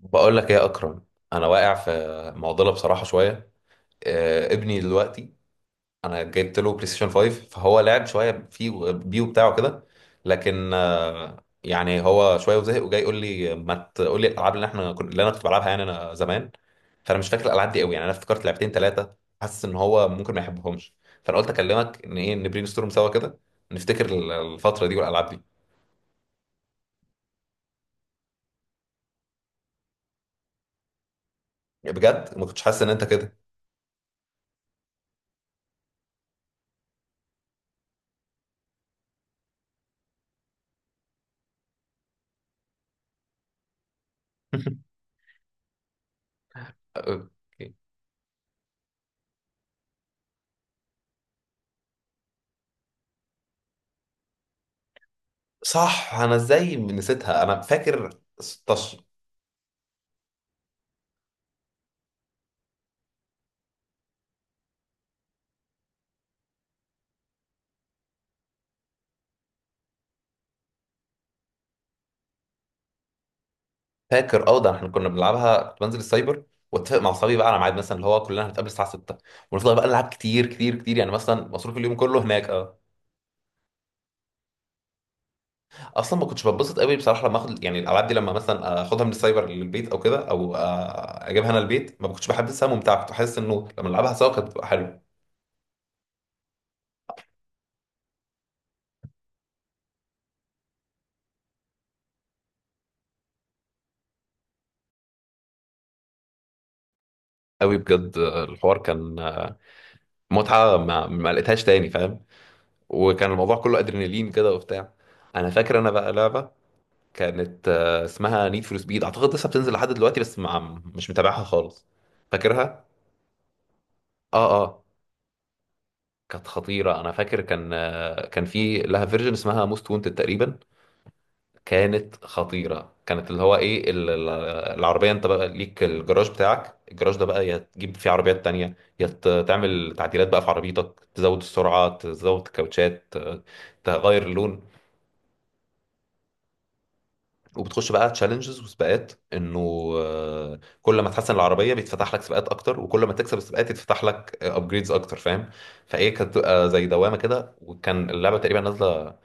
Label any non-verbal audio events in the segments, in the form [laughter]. بقول لك ايه يا اكرم؟ انا واقع في معضله بصراحه شويه. ابني دلوقتي انا جبت له بلاي ستيشن 5 فهو لعب شويه فيه بيه بتاعه كده. لكن يعني هو شويه وزهق وجاي يقول لي ما تقول لي الالعاب اللي احنا اللي انا كنت بلعبها يعني انا زمان. فانا مش فاكر الالعاب دي قوي، يعني انا افتكرت لعبتين ثلاثه حاسس ان هو ممكن ما يحبهمش. فانا قلت اكلمك ان ايه نبرين ستورم سوا كده، نفتكر الفتره دي والالعاب دي. بجد ما كنتش حاسس ان انت كده. [laughs] صح انا ازاي نسيتها، انا فاكر 16. فاكر اه، ده احنا كنا بنلعبها، كنت بنزل السايبر واتفق مع اصحابي بقى على ميعاد مثلا اللي هو كلنا هنتقابل الساعه 6، ونفضل بقى نلعب كتير كتير كتير يعني، مثلا مصروف اليوم كله هناك اه. اصلا ما كنتش بتبسط قوي بصراحه لما اخد يعني الالعاب دي، لما مثلا اخدها من السايبر للبيت او كده او اجيبها انا البيت ما كنتش بحسها ممتعه. كنت حاسس انه لما نلعبها سوا كانت بتبقى حلوه قوي بجد. الحوار كان متعه ما لقيتهاش تاني فاهم. وكان الموضوع كله ادرينالين كده وبتاع. انا فاكر انا بقى لعبه كانت اسمها نيد فور سبيد، اعتقد لسه بتنزل لحد دلوقتي بس مع، مش متابعها خالص. فاكرها اه اه. كانت خطيره، انا فاكر كان كان في لها فيرجن اسمها موست وونتد تقريبا. كانت خطيره، كانت اللي هو ايه العربيه انت بقى ليك الجراج بتاعك، الجراج ده بقى يا تجيب فيه عربيات تانية، يا تعمل تعديلات بقى في عربيتك، تزود السرعه، تزود الكاوتشات، تغير اللون. وبتخش بقى تشالنجز وسباقات، انه كل ما تحسن العربيه بيتفتح لك سباقات اكتر، وكل ما تكسب السباقات يتفتح لك ابجريدز اكتر فاهم. فايه كانت بتبقى زي دوامه كده، وكان اللعبه تقريبا نازله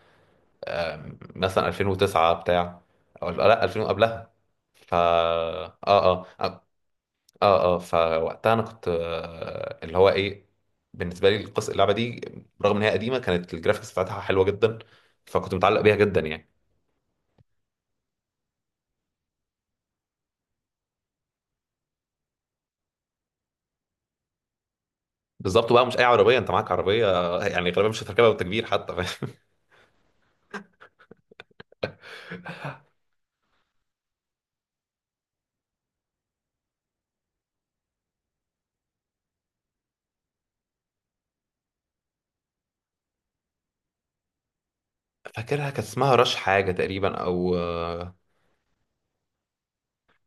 مثلا 2009 بتاع، او لا 2000 قبلها. ف فوقتها انا كنت اللي هو ايه، بالنسبه لي القصه اللعبه دي رغم ان هي قديمه كانت الجرافيكس بتاعتها حلوه جدا، فكنت متعلق بيها جدا يعني. بالظبط بقى، مش اي عربيه، انت معاك عربيه يعني غالبا مش هتركبها بالتكبير حتى، فاهم؟ [laughs] فاكرها، كان اسمها رش حاجه تقريبا او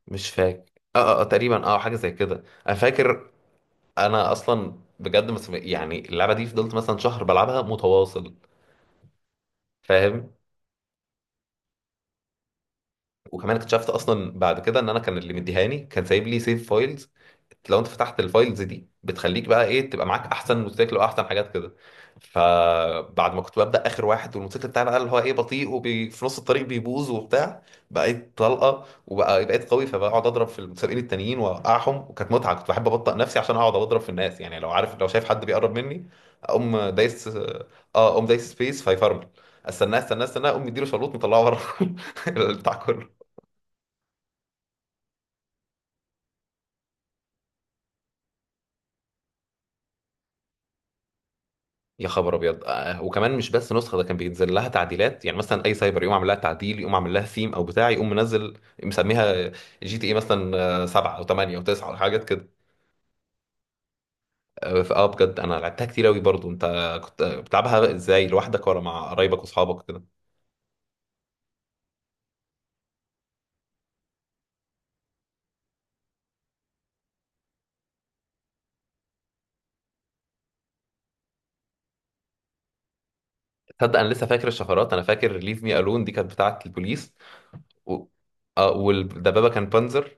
مش فاكر تقريبا اه حاجه زي كده انا فاكر. انا اصلا بجد يعني اللعبه دي فضلت مثلا شهر بلعبها متواصل فاهم. وكمان اكتشفت اصلا بعد كده ان انا كان اللي مديهاني كان سايب لي سيف فايلز. لو انت فتحت الفايلز دي بتخليك بقى ايه، تبقى معاك احسن موتوسيكل واحسن حاجات كده. فبعد ما كنت ببدا اخر واحد والموتوسيكل بتاعي بقى اللي هو ايه بطيء وفي نص الطريق بيبوظ وبتاع، بقيت طلقه وبقى بقيت قوي، فبقعد اضرب في المتسابقين التانيين واوقعهم. وكانت متعه، كنت بحب ابطئ نفسي عشان اقعد اضرب في الناس يعني، لو عارف، لو شايف حد بيقرب مني اقوم دايس اه. اقوم دايس سبيس فيفرمل، استناه استناه استناه، اقوم مديله شلوط مطلعه بره. [laughs] البتاع كله. يا خبر ابيض! وكمان مش بس نسخه، ده كان بينزل لها تعديلات، يعني مثلا اي سايبر يقوم عامل لها تعديل، يقوم عامل لها ثيم او بتاع، يقوم منزل مسميها جي تي اي مثلا 7 او 8 او 9 او حاجات كده. اه فآه بجد انا لعبتها كتير قوي. برضو انت كنت بتلعبها ازاي، لوحدك ولا مع قرايبك واصحابك كده؟ تصدق انا لسه فاكر الشفرات، انا فاكر ليف مي الون دي كانت بتاعه البوليس، و... اه والدبابه كان بانزر.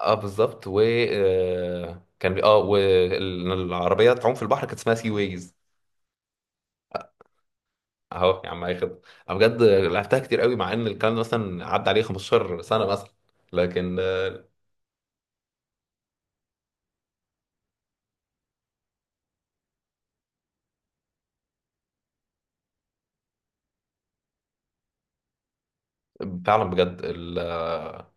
اه بالظبط و اه والعربيه تعوم في البحر كانت اسمها سي ويز. اهو يا عم، اي خدمه. انا بجد لعبتها كتير قوي، مع ان الكلام ده مثلا عدى عليه 15 سنه مثلا، لكن فعلا بجد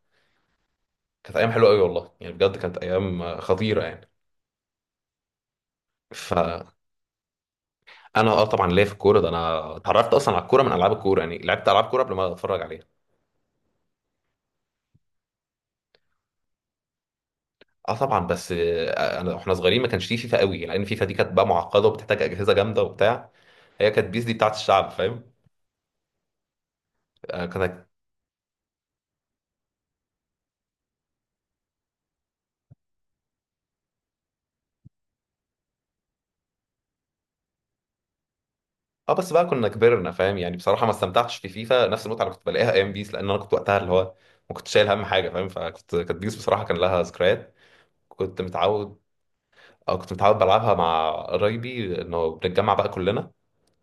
كانت ايام حلوه قوي والله، يعني بجد كانت ايام خطيره يعني. فانا اه طبعا ليا في الكوره ده، انا اتعرفت اصلا على الكوره من العاب الكوره يعني، لعبت العاب كوره قبل ما اتفرج عليها. اه طبعا بس انا واحنا صغيرين ما كانش فيه فيفا قوي، لان فيفا دي كانت بقى معقده وبتحتاج اجهزه جامده وبتاع. هي كانت بيس دي بتاعت الشعب فاهم. آه، كانت اه بس بقى كنا كبرنا فاهم، يعني بصراحه ما استمتعتش في فيفا نفس المتعه اللي كنت بلاقيها ايام بيس، لان انا كنت وقتها اللي هو ما كنت شايل هم حاجه فاهم. فكنت، كانت بيس بصراحه كان لها ذكريات. كنت متعود، او كنت متعود بلعبها مع قرايبي، انه بنتجمع بقى كلنا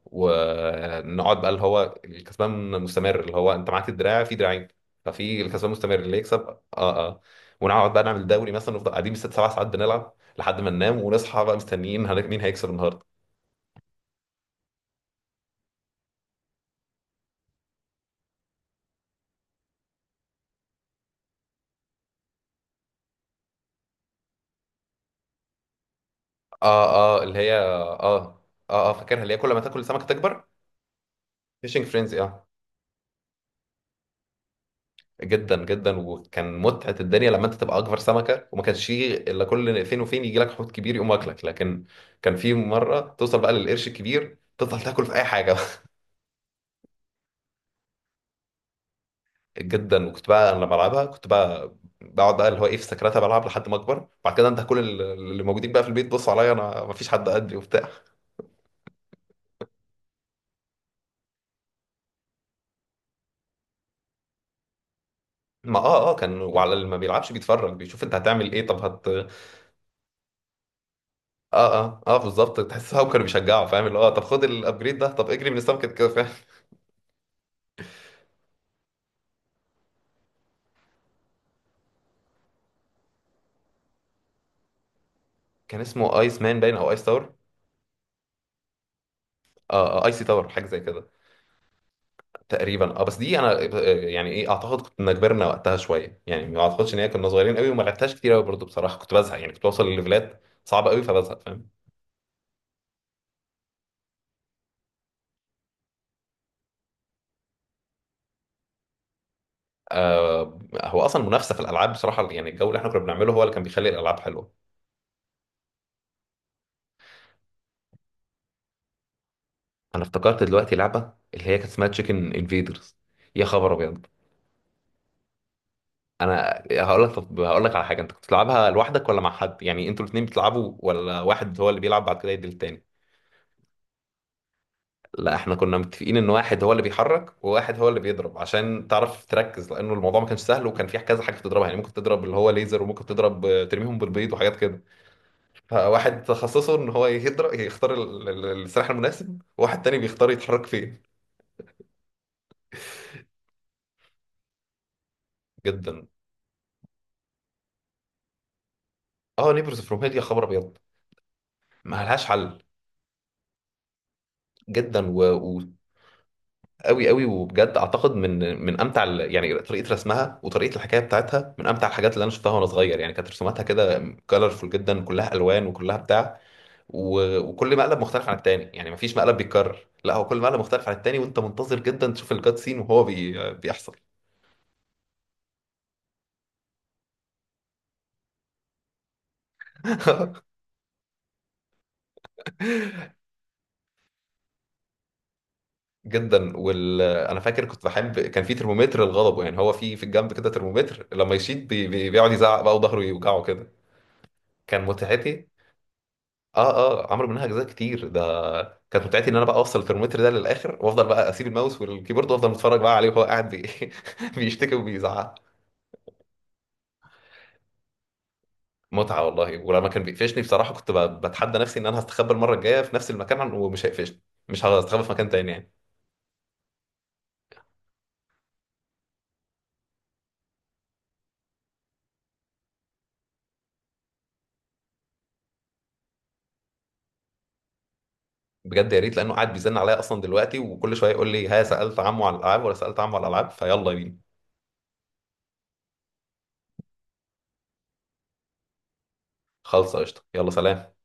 ونقعد بقى اللي هو الكسبان مستمر، اللي هو انت معاك الدراع في دراعين، ففي الكسبان مستمر اللي يكسب اه. اه ونقعد بقى نعمل دوري مثلا، نفضل قاعدين بالست سبع ساعات بنلعب لحد ما ننام، ونصحى بقى مستنيين مين هيكسب النهارده. اه اللي هي اه فاكرها، اللي هي كل ما تاكل سمكه تكبر. فيشنج فرينزي اه. جدا جدا، وكان متعه الدنيا لما انت تبقى اكبر سمكه، وما كانش فيه الا كل فين وفين يجي لك حوت كبير يقوم واكلك، لكن كان في مره توصل بقى للقرش الكبير تفضل تاكل في اي حاجه. [laughs] جدا. وكنت بقى انا لما بلعبها كنت بقى بقعد بقى اللي هو ايه في سكرتها بلعب لحد ما اكبر، بعد كده انت اللي موجودين بقى في البيت بصوا عليا، انا ما فيش حد قدي وبتاع. ما كان، وعلى اللي ما بيلعبش بيتفرج بيشوف انت هتعمل ايه، طب هت. اه بالظبط، تحس هو كانوا بيشجعوا فاهم اللي هو طب خد الابجريد ده، طب اجري من السمكه كده فاهم. كان اسمه ايس مان باين او ايس تاور. اه ايسي تاور حاجه زي كده تقريبا اه. بس دي انا يعني ايه اعتقد كنا كبرنا وقتها شويه يعني، ما اعتقدش ان هي كنا صغيرين قوي وما لعبتهاش كتير قوي برضه بصراحه. كنت بزهق يعني، كنت بوصل لليفلات صعبه قوي فبزهق فاهم. آه، هو اصلا منافسه في الالعاب بصراحه، يعني الجو اللي احنا كنا بنعمله هو اللي كان بيخلي الالعاب حلوه. انا افتكرت دلوقتي لعبه اللي هي كانت اسمها تشيكن انفيدرز. يا خبر ابيض! انا هقول لك، طب هقول لك على حاجه، انت كنت بتلعبها لوحدك ولا مع حد؟ يعني انتوا الاثنين بتلعبوا ولا واحد هو اللي بيلعب بعد كده يدي التاني؟ لا احنا كنا متفقين ان واحد هو اللي بيحرك وواحد هو اللي بيضرب، عشان تعرف تركز، لانه الموضوع ما كانش سهل. وكان في كذا حاجه بتضربها، يعني ممكن تضرب اللي هو ليزر، وممكن تضرب ترميهم بالبيض وحاجات كده. فواحد تخصصه ان هو يضرب يختار السلاح المناسب، وواحد تاني بيختار يتحرك فين. جدا اه. نيبرز فروم هيل، يا خبر ابيض، ما لهاش حل. جدا و... قوي قوي. وبجد اعتقد من امتع يعني طريقه رسمها وطريقه الحكايه بتاعتها، من امتع الحاجات اللي انا شفتها وانا صغير يعني. كانت رسوماتها كده كلرفول جدا، كلها الوان وكلها بتاع. وكل مقلب مختلف عن التاني، يعني مفيش مقلب بيتكرر، لا هو كل مقلب مختلف عن التاني، وانت منتظر جدا تشوف الكات سين وهو بيحصل. [laughs] جدا. انا فاكر كنت بحب كان في ترمومتر للغضب، يعني هو في الجنب كده ترمومتر لما يشيط بيقعد يزعق بقى وظهره يوجعه كده، كان متعتي. اه اه عمرو منها اجزاء كتير ده. كانت متعتي ان انا بقى اوصل الترمومتر ده للاخر، وافضل بقى اسيب الماوس والكيبورد وافضل متفرج بقى عليه وهو قاعد [laughs] بيشتكي وبيزعق. متعه والله. ولما كان بيقفشني بصراحه كنت بتحدى نفسي ان انا هستخبى المره الجايه في نفس المكان ومش هيقفشني، مش هستخبى في مكان تاني يعني. بجد يا ريت، لانه قاعد بيزن عليا اصلا دلوقتي، وكل شويه يقول لي ها سالت عمو على الالعاب ولا سالت عمو على الالعاب، فيلا بينا. خالصه، قشطه، يلا سلام.